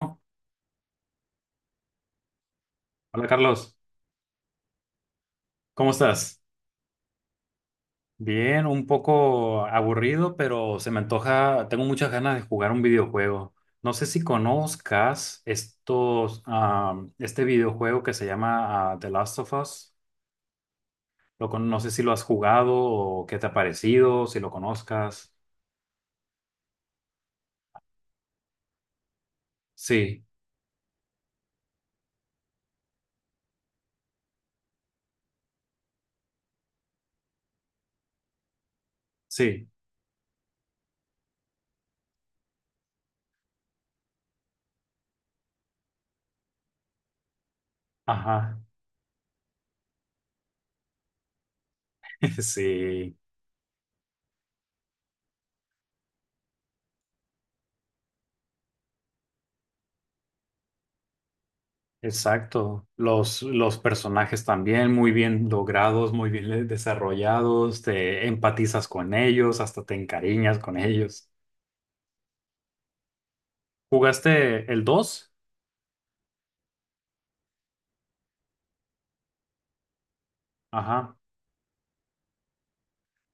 Hola Carlos, ¿cómo estás? Bien, un poco aburrido, pero se me antoja, tengo muchas ganas de jugar un videojuego. No sé si conozcas estos, este videojuego que se llama The Last of Us. No sé si lo has jugado o qué te ha parecido, si lo conozcas. Sí, sí, ajá, sí. Exacto. Los personajes también muy bien logrados, muy bien desarrollados, te empatizas con ellos, hasta te encariñas con ellos. ¿Jugaste el 2, ajá.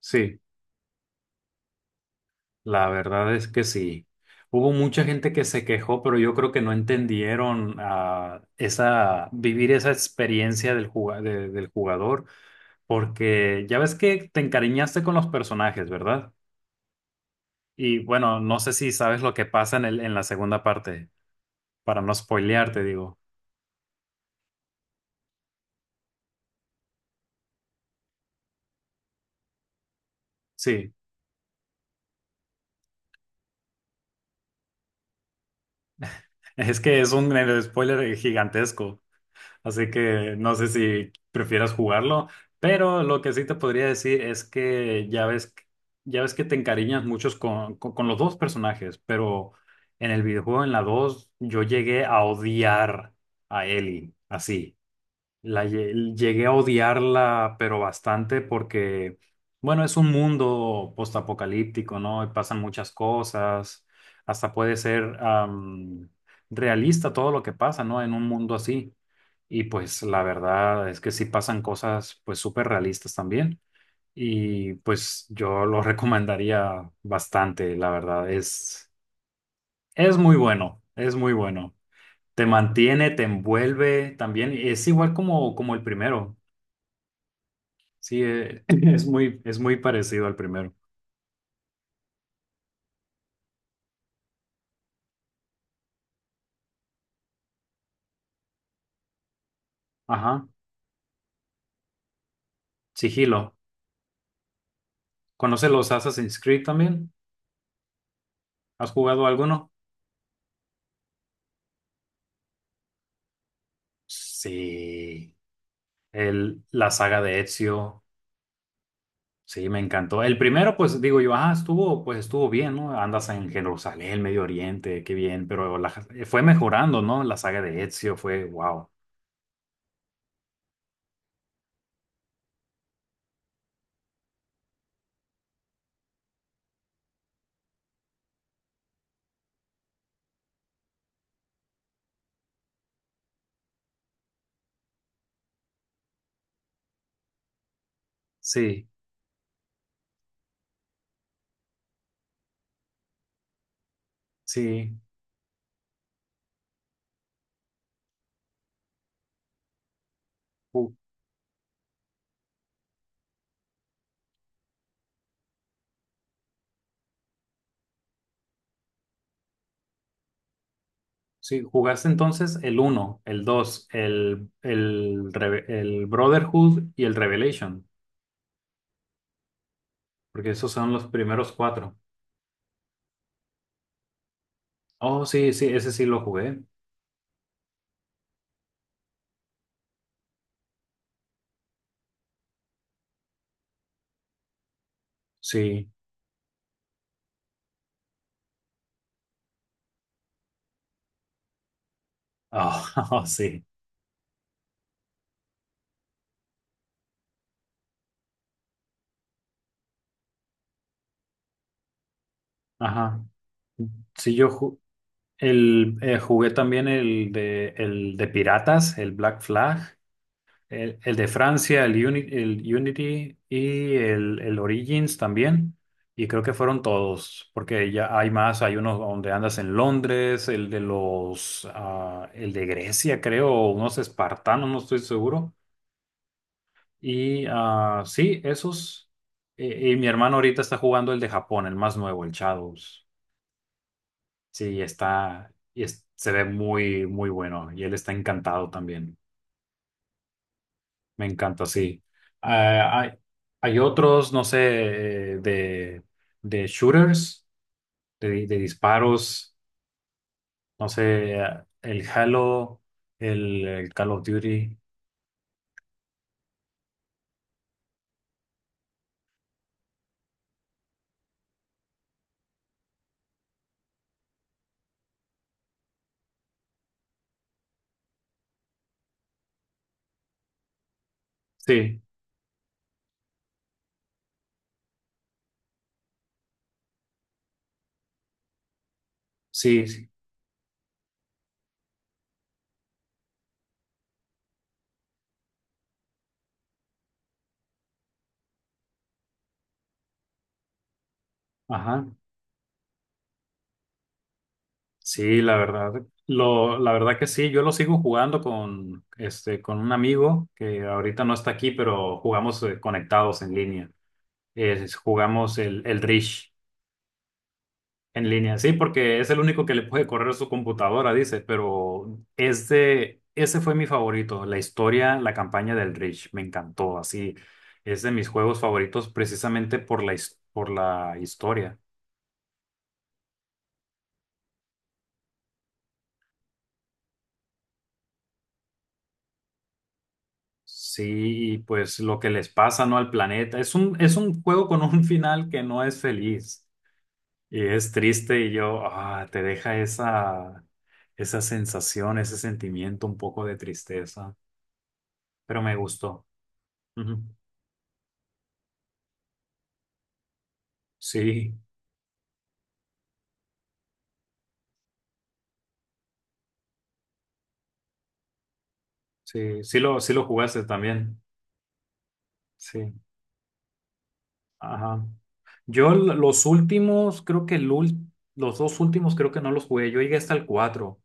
Sí, la verdad es que sí. Hubo mucha gente que se quejó, pero yo creo que no entendieron esa, vivir esa experiencia del jugador, porque ya ves que te encariñaste con los personajes, ¿verdad? Y bueno, no sé si sabes lo que pasa en en la segunda parte, para no spoilearte, digo. Sí, es que es un spoiler gigantesco, así que no sé si prefieras jugarlo, pero lo que sí te podría decir es que ya ves que te encariñas muchos con los dos personajes, pero en el videojuego, en la 2 yo llegué a odiar a Ellie, así. Llegué a odiarla, pero bastante porque, bueno, es un mundo postapocalíptico, ¿no? Y pasan muchas cosas, hasta puede ser realista todo lo que pasa, ¿no? En un mundo así. Y pues la verdad es que sí pasan cosas pues súper realistas también. Y pues yo lo recomendaría bastante, la verdad. Es muy bueno, es muy bueno. Te mantiene, te envuelve también. Es igual como, como el primero. Sí, es muy parecido al primero. Ajá. Sigilo. ¿Conoces los Assassin's Creed también? ¿Has jugado alguno? Sí. El, la saga de Ezio. Sí, me encantó. El primero, pues digo yo, estuvo, pues estuvo bien, ¿no? Andas en Jerusalén, Medio Oriente, qué bien, pero fue mejorando, ¿no? La saga de Ezio fue, wow. Sí, sí. Ju- sí, jugaste entonces el uno, el 2, el Brotherhood y el Revelation. Porque esos son los primeros cuatro. Oh, sí, sí, ese sí lo jugué. Sí. Oh, oh, sí. Ajá. Sí, el, jugué también el de Piratas, el Black Flag, el de Francia, el Unity y el Origins también. Y creo que fueron todos, porque ya hay más, hay uno donde andas en Londres, el de los, el de Grecia, creo, o unos espartanos, no estoy seguro. Y sí, esos. Y mi hermano ahorita está jugando el de Japón, el más nuevo, el Shadows. Sí, está. Y se ve muy, muy bueno. Y él está encantado también. Me encanta, sí. Ah, hay otros, no sé, de shooters, de disparos. No sé, el Halo, el Call of Duty. Sí, sí, sí. Ajá. Sí, la verdad, lo, la verdad que sí, yo lo sigo jugando con, este, con un amigo que ahorita no está aquí, pero jugamos conectados en línea. Jugamos el Rish en línea, sí, porque es el único que le puede correr su computadora, dice, pero este, ese fue mi favorito, la historia, la campaña del Rish, me encantó, así, es de mis juegos favoritos precisamente por la, por la historia. Sí, y pues lo que les pasa, ¿no? Al planeta. Es un juego con un final que no es feliz y es triste y yo, te deja esa, esa sensación, ese sentimiento un poco de tristeza, pero me gustó. Ujú. Sí, sí, sí lo jugaste también. Sí, ajá. Los últimos, creo que los dos últimos creo que no los jugué, yo llegué hasta el cuatro.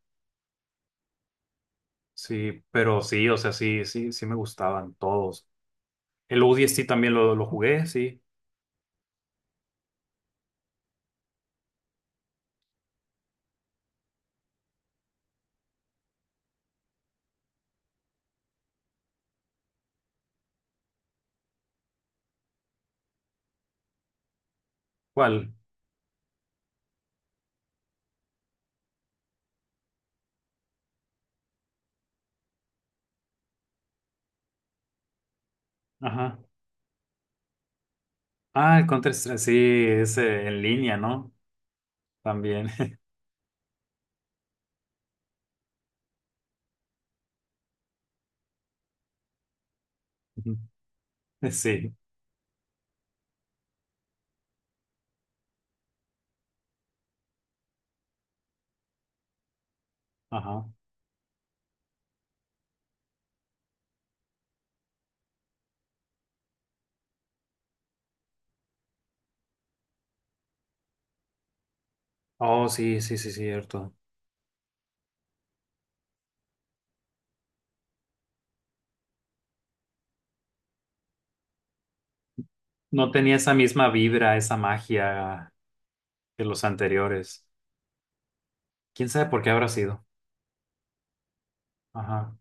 Sí, pero sí, o sea, sí, sí, sí me gustaban todos. El ODST también lo jugué, sí. ¿Cuál? Ajá. Ah, el Counter-Strike, sí, es en línea, ¿no? También. Sí, ajá. Oh, sí, sí, sí, cierto. No tenía esa misma vibra, esa magia que los anteriores. ¿Quién sabe por qué habrá sido? Ajá.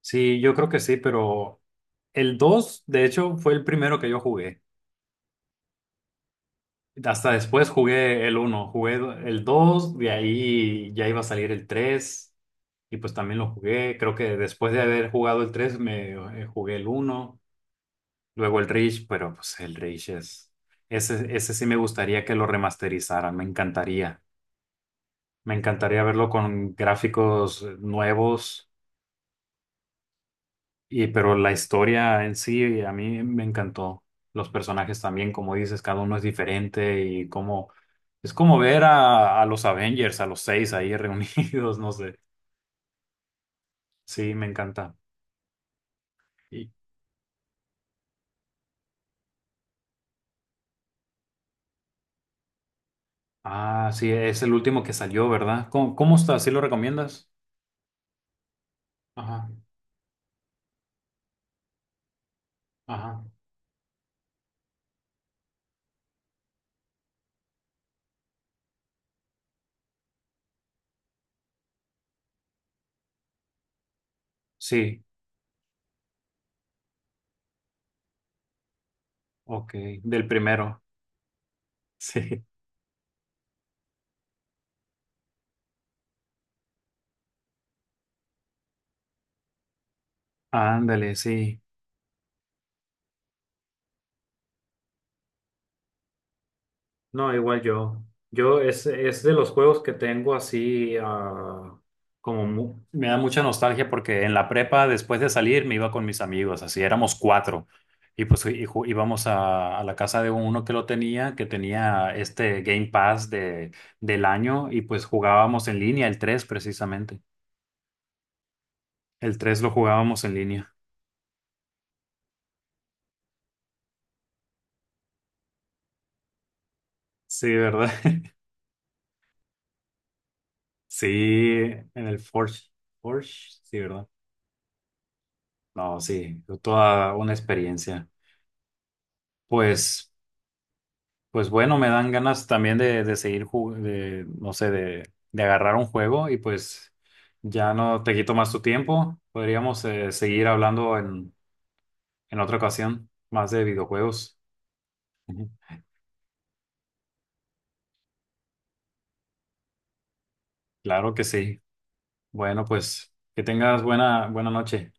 Sí, yo creo que sí, pero el 2 de hecho, fue el primero que yo jugué. Hasta después jugué el uno, jugué el dos, de ahí ya iba a salir el 3 y pues también lo jugué. Creo que después de haber jugado el 3 me jugué el uno, luego el Reach, pero pues el Reach es... Ese sí me gustaría que lo remasterizaran, me encantaría. Me encantaría verlo con gráficos nuevos, y, pero la historia en sí a mí me encantó. Los personajes también, como dices, cada uno es diferente y cómo. Es como ver a los Avengers, a los seis ahí reunidos, no sé. Sí, me encanta. Y, ah, sí, es el último que salió, ¿verdad? ¿Cómo, cómo está? ¿Sí lo recomiendas? Ajá, ajá. Sí, ok, del primero. Sí, ándale, sí. No, igual yo. Yo es de los juegos que tengo así, como me da mucha nostalgia porque en la prepa, después de salir, me iba con mis amigos, así éramos cuatro. Íbamos a la casa de uno que lo tenía, que tenía este Game Pass de, del año, y pues jugábamos en línea, el tres precisamente. El 3 lo jugábamos en línea. Sí, ¿verdad? Sí, en el Forge. Forge, sí, ¿verdad? No, sí, toda una experiencia. Pues. Pues bueno, me dan ganas también de seguir, de, no sé, de agarrar un juego y pues ya no te quito más tu tiempo. Podríamos seguir hablando en otra ocasión más de videojuegos. Ujú. Claro que sí. Bueno, pues que tengas buena, buena noche.